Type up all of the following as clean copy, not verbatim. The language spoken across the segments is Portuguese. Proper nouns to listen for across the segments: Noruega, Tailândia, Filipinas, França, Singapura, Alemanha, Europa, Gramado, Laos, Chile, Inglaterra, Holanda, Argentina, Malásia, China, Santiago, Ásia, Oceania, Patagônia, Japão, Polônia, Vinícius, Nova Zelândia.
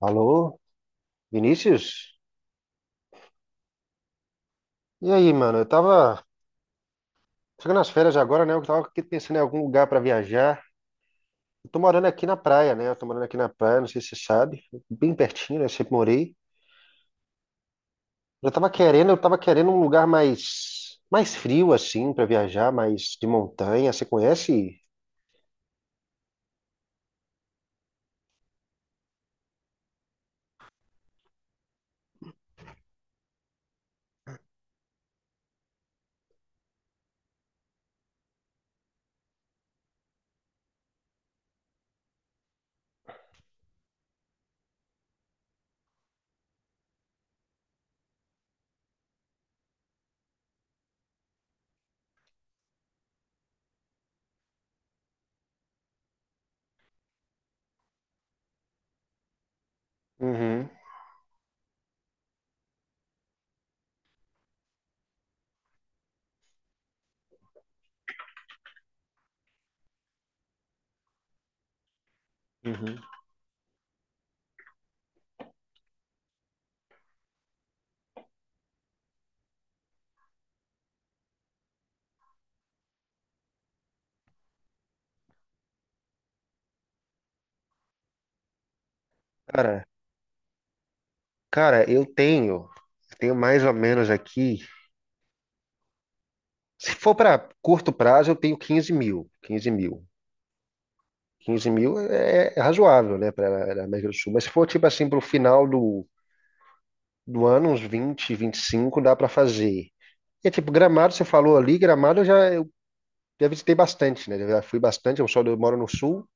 Alô, Vinícius? E aí, mano? Eu tava chegando nas férias agora, né? Eu tava aqui pensando em algum lugar pra viajar. Eu tô morando aqui na praia, né? Eu tô morando aqui na praia, não sei se você sabe, bem pertinho, né? Eu sempre morei. Eu tava querendo um lugar mais frio assim pra viajar, mais de montanha. Você conhece? Uhum, uhum. Cara, cara, eu tenho mais ou menos aqui. Se for pra curto prazo, eu tenho 15.000, 15.000. Quinze mil é razoável, né, para a América do Sul. Mas se for, tipo assim, para o final do ano, uns vinte e cinco dá para fazer. E, é tipo, Gramado, você falou ali, Gramado eu já visitei bastante, né? Eu já fui bastante, eu moro no sul,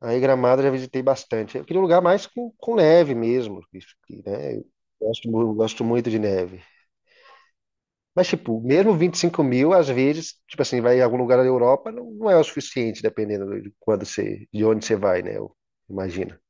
aí Gramado eu já visitei bastante. Eu queria um lugar mais com neve mesmo, isso que, né? Eu gosto muito de neve. Mas, tipo, mesmo 25.000, às vezes, tipo assim, vai em algum lugar da Europa, não é o suficiente, dependendo de quando você, de onde você vai, né? Eu, imagina.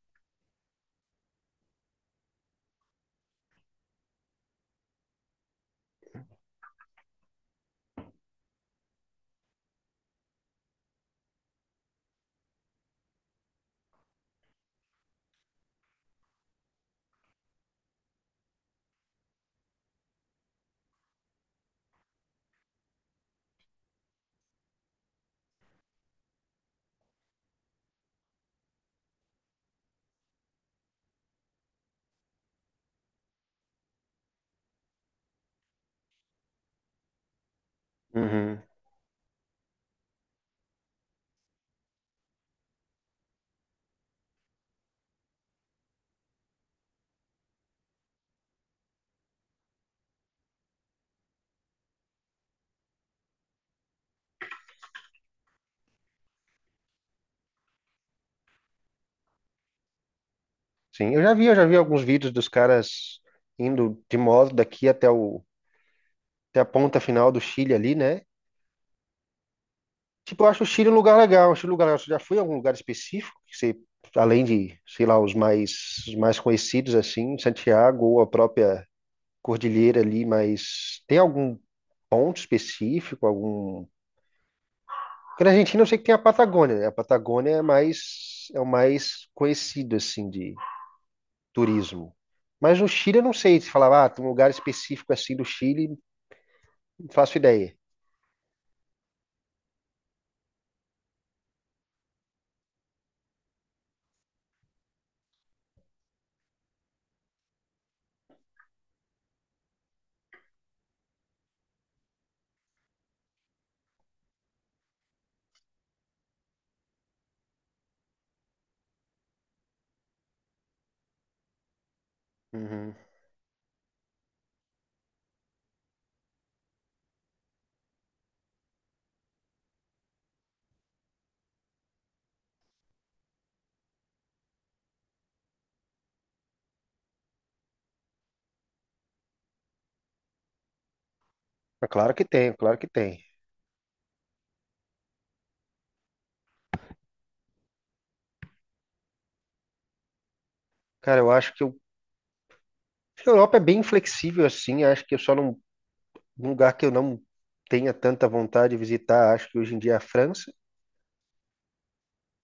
Uhum. Sim, eu já vi alguns vídeos dos caras indo de moto daqui até a ponta final do Chile ali, né? Tipo, eu acho o Chile um lugar legal, acho um lugar legal. Você já foi em algum lugar específico que você, além de, sei lá, os mais conhecidos assim, Santiago ou a própria cordilheira ali, mas tem algum ponto específico, algum? Porque na Argentina eu sei que tem a Patagônia, né? A Patagônia é mais é o mais conhecido assim de turismo. Mas no Chile eu não sei se falava, ah, tem um lugar específico assim do Chile. Não faço ideia. Uhum. Mas claro que tem, é claro que tem. Cara, eu acho que a Europa é bem flexível assim. Acho que eu só não. Um lugar que eu não tenha tanta vontade de visitar, acho que hoje em dia é a França.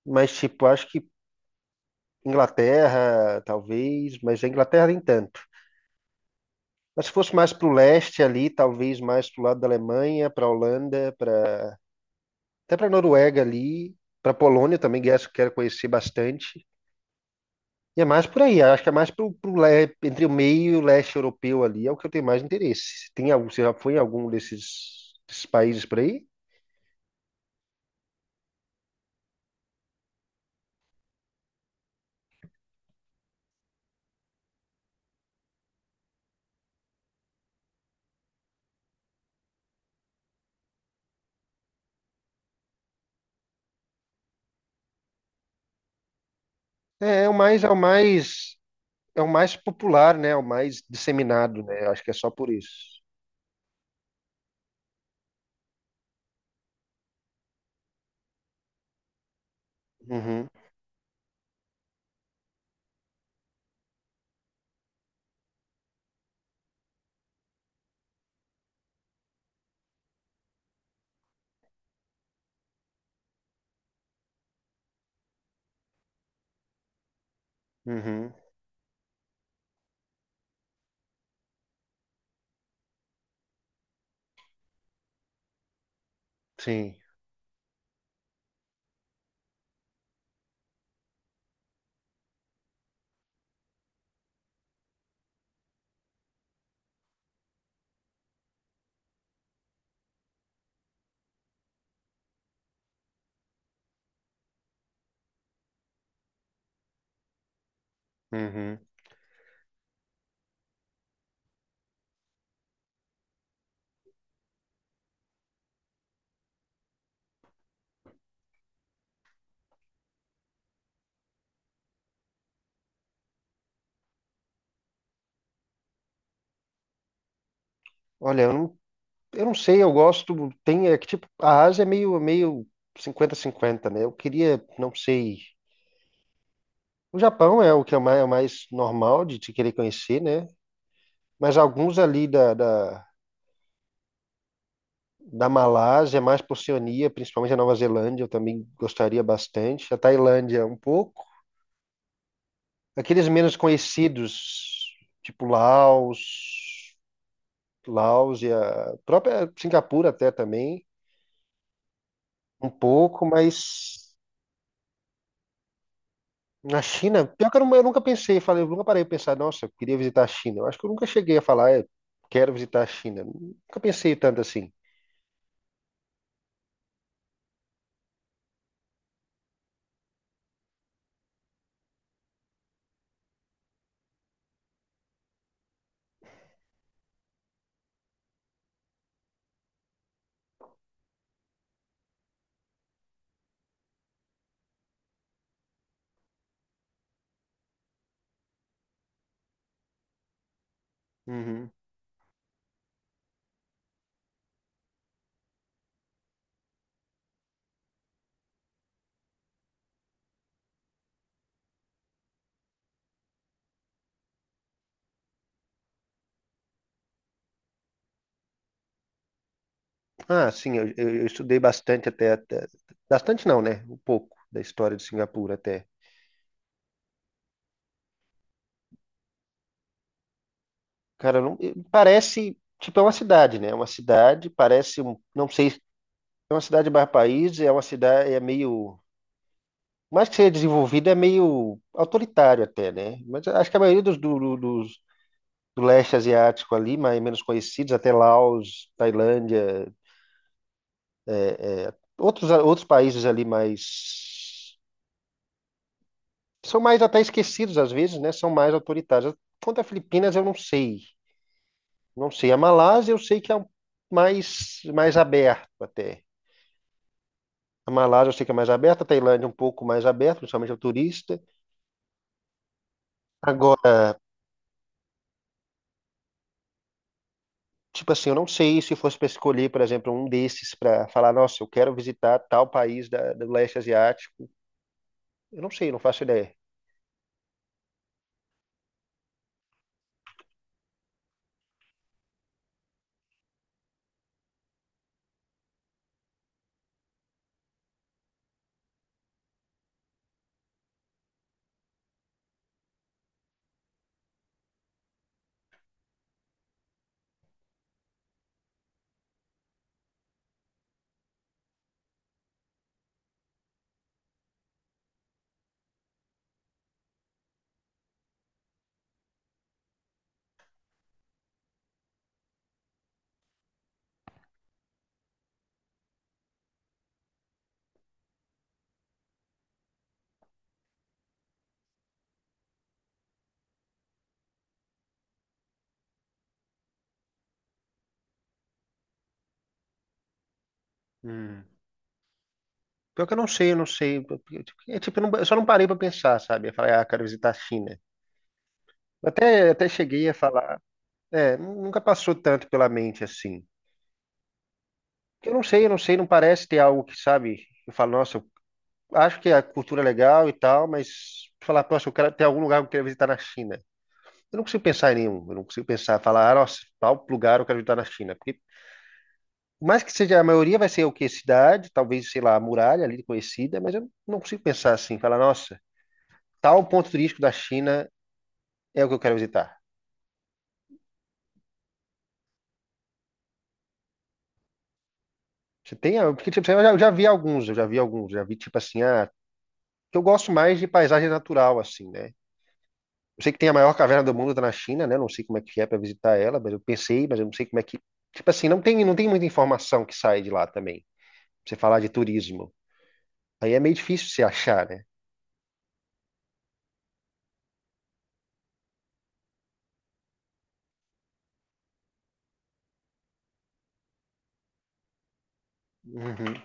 Mas, tipo, acho que Inglaterra, talvez. Mas a Inglaterra nem tanto. Mas se fosse mais pro leste ali, talvez mais pro lado da Alemanha, pra Holanda, até pra Noruega ali. Pra Polônia também, que é essa eu quero conhecer bastante. E é mais por aí, acho que é mais entre o meio e o leste europeu ali, é o que eu tenho mais interesse. Tem algum, você já foi em algum desses países por aí? É, é o mais, é o mais, é o mais popular, né? É o mais disseminado, né? Acho que é só por isso. Uhum, uhum, sim, uhum. Olha, eu não sei, eu gosto, tem, é que tipo, a Ásia é meio cinquenta cinquenta, né? Eu queria, não sei, o Japão é o que é o mais normal de te querer conhecer, né? Mas alguns ali da Malásia, mais por Oceania, principalmente a Nova Zelândia, eu também gostaria bastante. A Tailândia, um pouco. Aqueles menos conhecidos, tipo Laos, Laos e a própria Singapura até também, um pouco, mas na China, pior que eu nunca pensei, falei, eu nunca parei de pensar, nossa, eu queria visitar a China. Eu acho que eu nunca cheguei a falar, eu quero visitar a China. Nunca pensei tanto assim. Uhum. Ah, sim, eu estudei bastante. Bastante não, né? Um pouco da história de Singapura até. Cara, não, parece. Tipo, é uma cidade, né? É uma cidade, parece. Não sei. É uma cidade barra país, é uma cidade. É meio. Mais que seja desenvolvida, é meio autoritário até, né? Mas acho que a maioria dos, do leste asiático ali, mais menos conhecidos, até Laos, Tailândia, outros países ali mais. São mais até esquecidos às vezes, né? São mais autoritários. Quanto a Filipinas, eu não sei. Não sei. A Malásia, eu sei que é mais aberto até. A Malásia, eu sei que é mais aberta. A Tailândia, um pouco mais aberta, principalmente ao turista. Agora, tipo assim, eu não sei se fosse para escolher, por exemplo, um desses para falar, nossa, eu quero visitar tal país do leste asiático. Eu não sei, não faço ideia. Hum. Pior que eu não sei, eu não sei. É tipo, eu só não parei para pensar, sabe? Eu falei, ah, quero visitar a China. Até cheguei a falar. É, nunca passou tanto pela mente assim. Eu não sei, não parece ter algo que, sabe, eu falo, nossa, eu acho que a cultura é legal e tal, mas falar, nossa, eu quero ter algum lugar que eu quero visitar na China. Eu não consigo pensar em nenhum, eu não consigo pensar, falar, ah, nossa, tal lugar eu quero visitar na China. Porque, por mais que seja, a maioria vai ser o quê? Cidade, talvez, sei lá, a muralha ali conhecida, mas eu não consigo pensar assim, falar, nossa, tal ponto turístico da China é o que eu quero visitar. Você tem, porque tipo, eu já vi alguns, eu já vi alguns, já vi tipo assim, ah, que eu gosto mais de paisagem natural, assim, né? Eu sei que tem a maior caverna do mundo, tá na China, né? Não sei como é que é para visitar ela, mas eu pensei, mas eu não sei como é que. Tipo assim, não tem muita informação que sai de lá também. Pra você falar de turismo. Aí é meio difícil você achar, né? Uhum,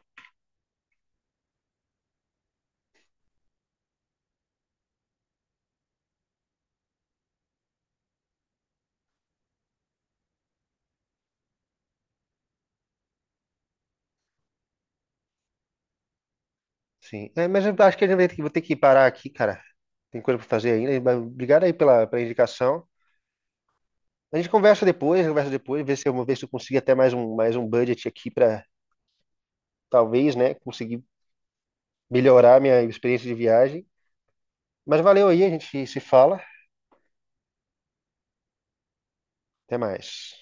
sim. É, mas eu acho que eu vou ter que parar aqui, cara. Tem coisa para fazer ainda. Mas obrigado aí pela indicação. A gente conversa depois, ver se eu consigo até mais um budget aqui para talvez, né, conseguir melhorar minha experiência de viagem. Mas valeu aí, a gente se fala. Até mais.